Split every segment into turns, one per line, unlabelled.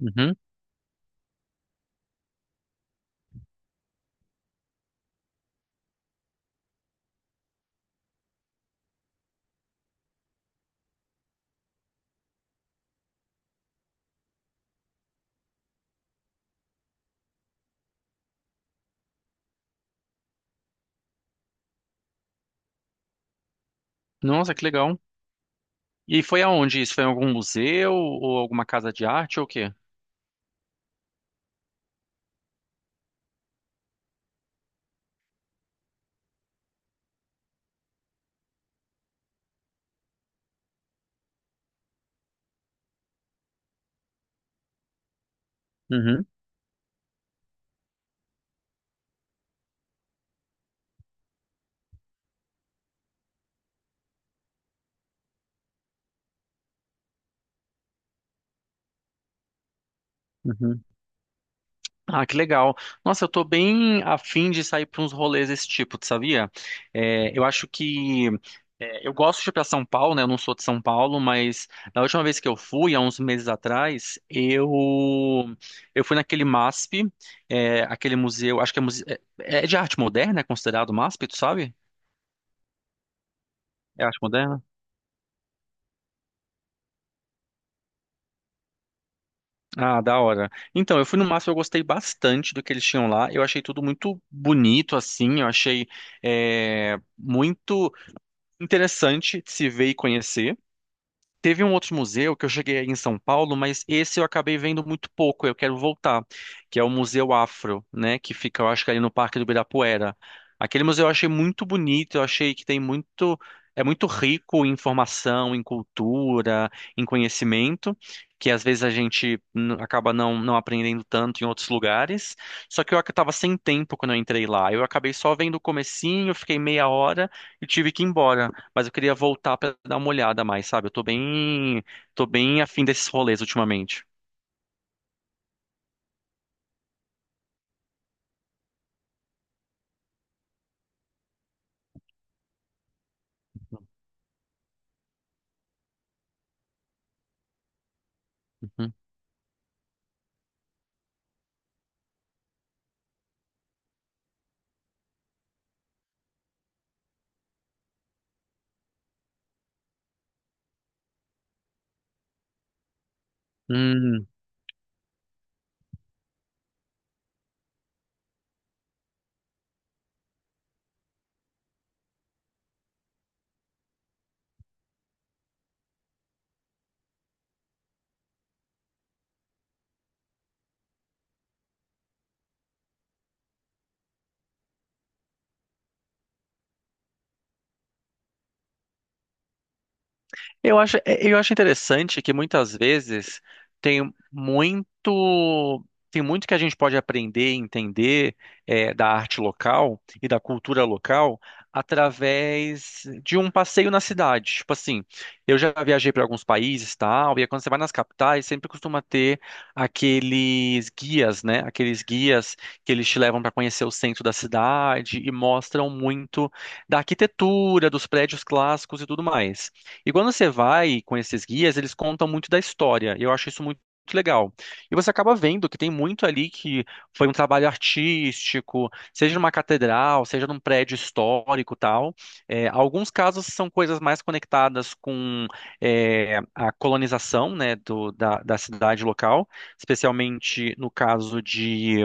Uhum. Nossa, que legal. E foi aonde isso? Foi em algum museu ou alguma casa de arte ou o quê? Uhum, uhum. Ah, que legal. Nossa, eu tô bem afim de sair para uns rolês desse tipo, tu sabia? É, eu acho que eu gosto de ir para São Paulo, né? Eu não sou de São Paulo, mas na última vez que eu fui, há uns meses atrás, eu fui naquele MASP, é, aquele museu, acho que é, é de arte moderna, é considerado MASP, tu sabe? É arte moderna? Ah, da hora. Então, eu fui no Massa, eu gostei bastante do que eles tinham lá. Eu achei tudo muito bonito, assim. Eu achei muito interessante de se ver e conhecer. Teve um outro museu que eu cheguei aí em São Paulo, mas esse eu acabei vendo muito pouco, eu quero voltar, que é o Museu Afro, né, que fica, eu acho que ali no Parque do Ibirapuera. Aquele museu eu achei muito bonito, eu achei que tem muito, é muito rico em informação, em cultura, em conhecimento, que às vezes a gente acaba não aprendendo tanto em outros lugares. Só que eu estava sem tempo quando eu entrei lá, eu acabei só vendo o comecinho, fiquei meia hora e tive que ir embora. Mas eu queria voltar pra dar uma olhada mais, sabe? Eu tô bem afim desses rolês ultimamente. Uhum. Hum. Eu acho, é, eu acho interessante que muitas vezes tem muito, tem muito que a gente pode aprender e entender da arte local e da cultura local através de um passeio na cidade. Tipo assim, eu já viajei para alguns países, tal, e aí quando você vai nas capitais, sempre costuma ter aqueles guias, né? Aqueles guias que eles te levam para conhecer o centro da cidade e mostram muito da arquitetura, dos prédios clássicos e tudo mais. E quando você vai com esses guias, eles contam muito da história. Eu acho isso muito legal. E você acaba vendo que tem muito ali que foi um trabalho artístico, seja numa catedral, seja num prédio histórico, tal. É, alguns casos são coisas mais conectadas com é, a colonização, né, da cidade local, especialmente no caso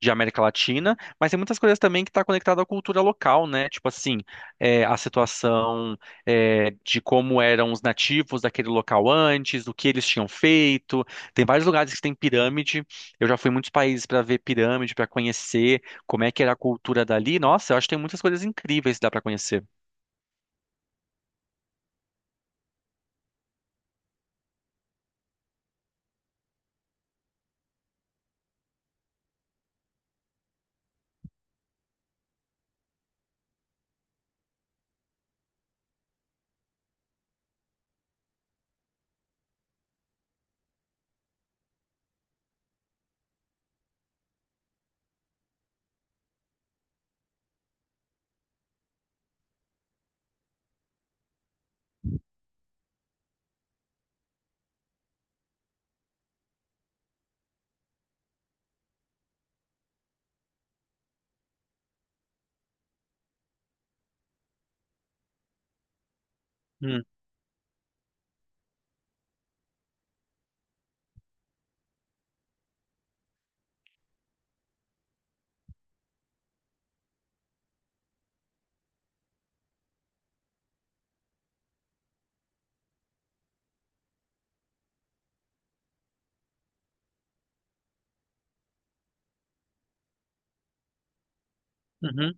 de América Latina, mas tem muitas coisas também que está conectada à cultura local, né? Tipo assim, é, a situação é, de como eram os nativos daquele local antes, o que eles tinham feito. Tem vários lugares que tem pirâmide. Eu já fui em muitos países para ver pirâmide, para conhecer como é que era a cultura dali. Nossa, eu acho que tem muitas coisas incríveis que dá para conhecer. Hum, uhum.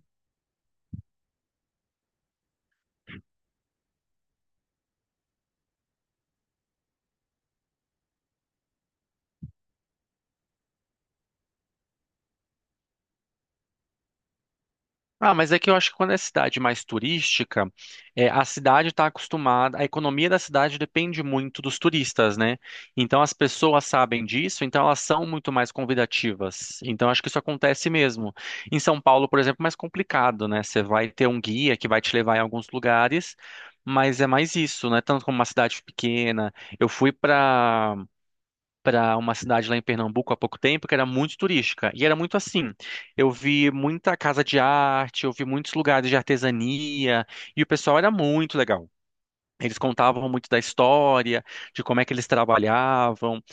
Ah, mas é que eu acho que quando é cidade mais turística, é, a cidade está acostumada, a economia da cidade depende muito dos turistas, né? Então as pessoas sabem disso, então elas são muito mais convidativas. Então acho que isso acontece mesmo. Em São Paulo, por exemplo, é mais complicado, né? Você vai ter um guia que vai te levar em alguns lugares, mas é mais isso, né? Tanto como uma cidade pequena. Eu fui para uma cidade lá em Pernambuco há pouco tempo que era muito turística. E era muito assim. Eu vi muita casa de arte, eu vi muitos lugares de artesania, e o pessoal era muito legal. Eles contavam muito da história, de como é que eles trabalhavam,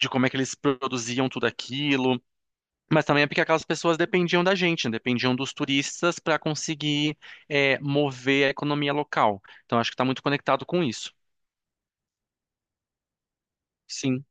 de como é que eles produziam tudo aquilo. Mas também é porque aquelas pessoas dependiam da gente, né? Dependiam dos turistas para conseguir mover a economia local. Então acho que está muito conectado com isso. Sim.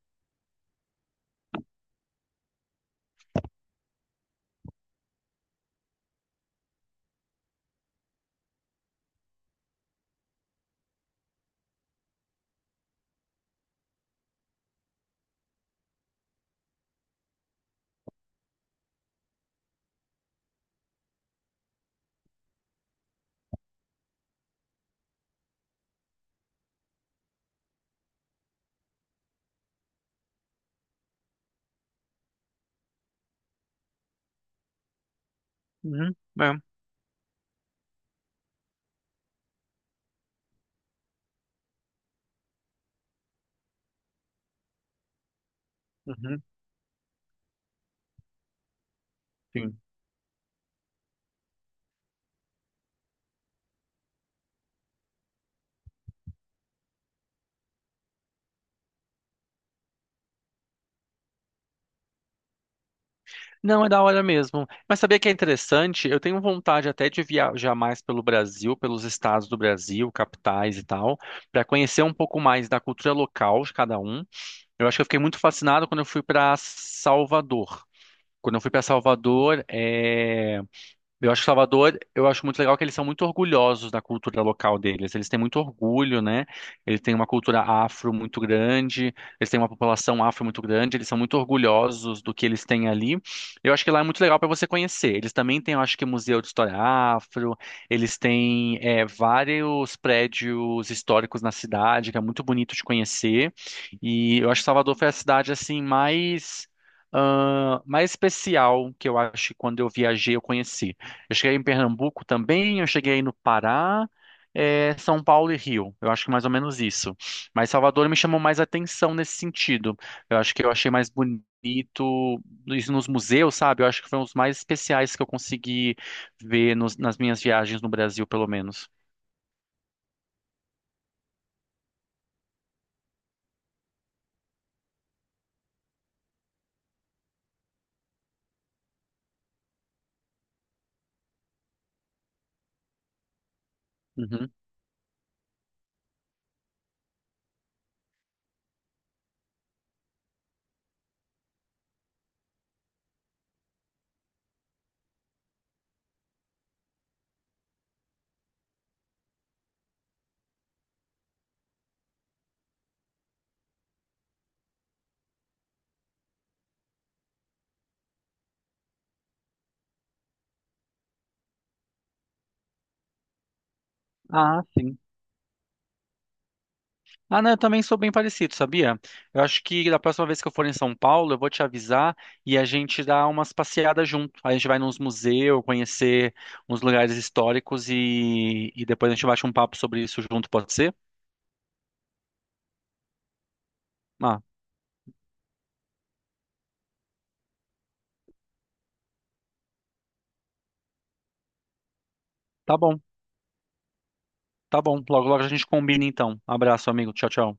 Uhum. É. Uhum. Sim. Não, é da hora mesmo. Mas sabia que é interessante? Eu tenho vontade até de viajar mais pelo Brasil, pelos estados do Brasil, capitais e tal, para conhecer um pouco mais da cultura local de cada um. Eu acho que eu fiquei muito fascinado quando eu fui para Salvador. Quando eu fui para Salvador, eu acho que Salvador, eu acho muito legal que eles são muito orgulhosos da cultura local deles. Eles têm muito orgulho, né? Eles têm uma cultura afro muito grande, eles têm uma população afro muito grande, eles são muito orgulhosos do que eles têm ali. Eu acho que lá é muito legal para você conhecer. Eles também têm, eu acho que, Museu de História Afro, eles têm é, vários prédios históricos na cidade, que é muito bonito de conhecer. E eu acho que Salvador foi a cidade, assim, mais... ah, mais especial que eu acho que quando eu viajei eu conheci. Eu cheguei em Pernambuco também, eu cheguei no Pará, eh, São Paulo e Rio. Eu acho que mais ou menos isso. Mas Salvador me chamou mais atenção nesse sentido. Eu acho que eu achei mais bonito isso nos museus, sabe? Eu acho que foi um dos mais especiais que eu consegui ver nas minhas viagens no Brasil, pelo menos. Uhum. Ah, sim. Ah, não, eu também sou bem parecido, sabia? Eu acho que da próxima vez que eu for em São Paulo, eu vou te avisar e a gente dá umas passeadas junto. Aí a gente vai nos museus, conhecer uns lugares históricos e depois a gente bate um papo sobre isso junto, pode ser? Ah, tá bom, tá bom. Logo, logo a gente combina então. Abraço, amigo. Tchau, tchau.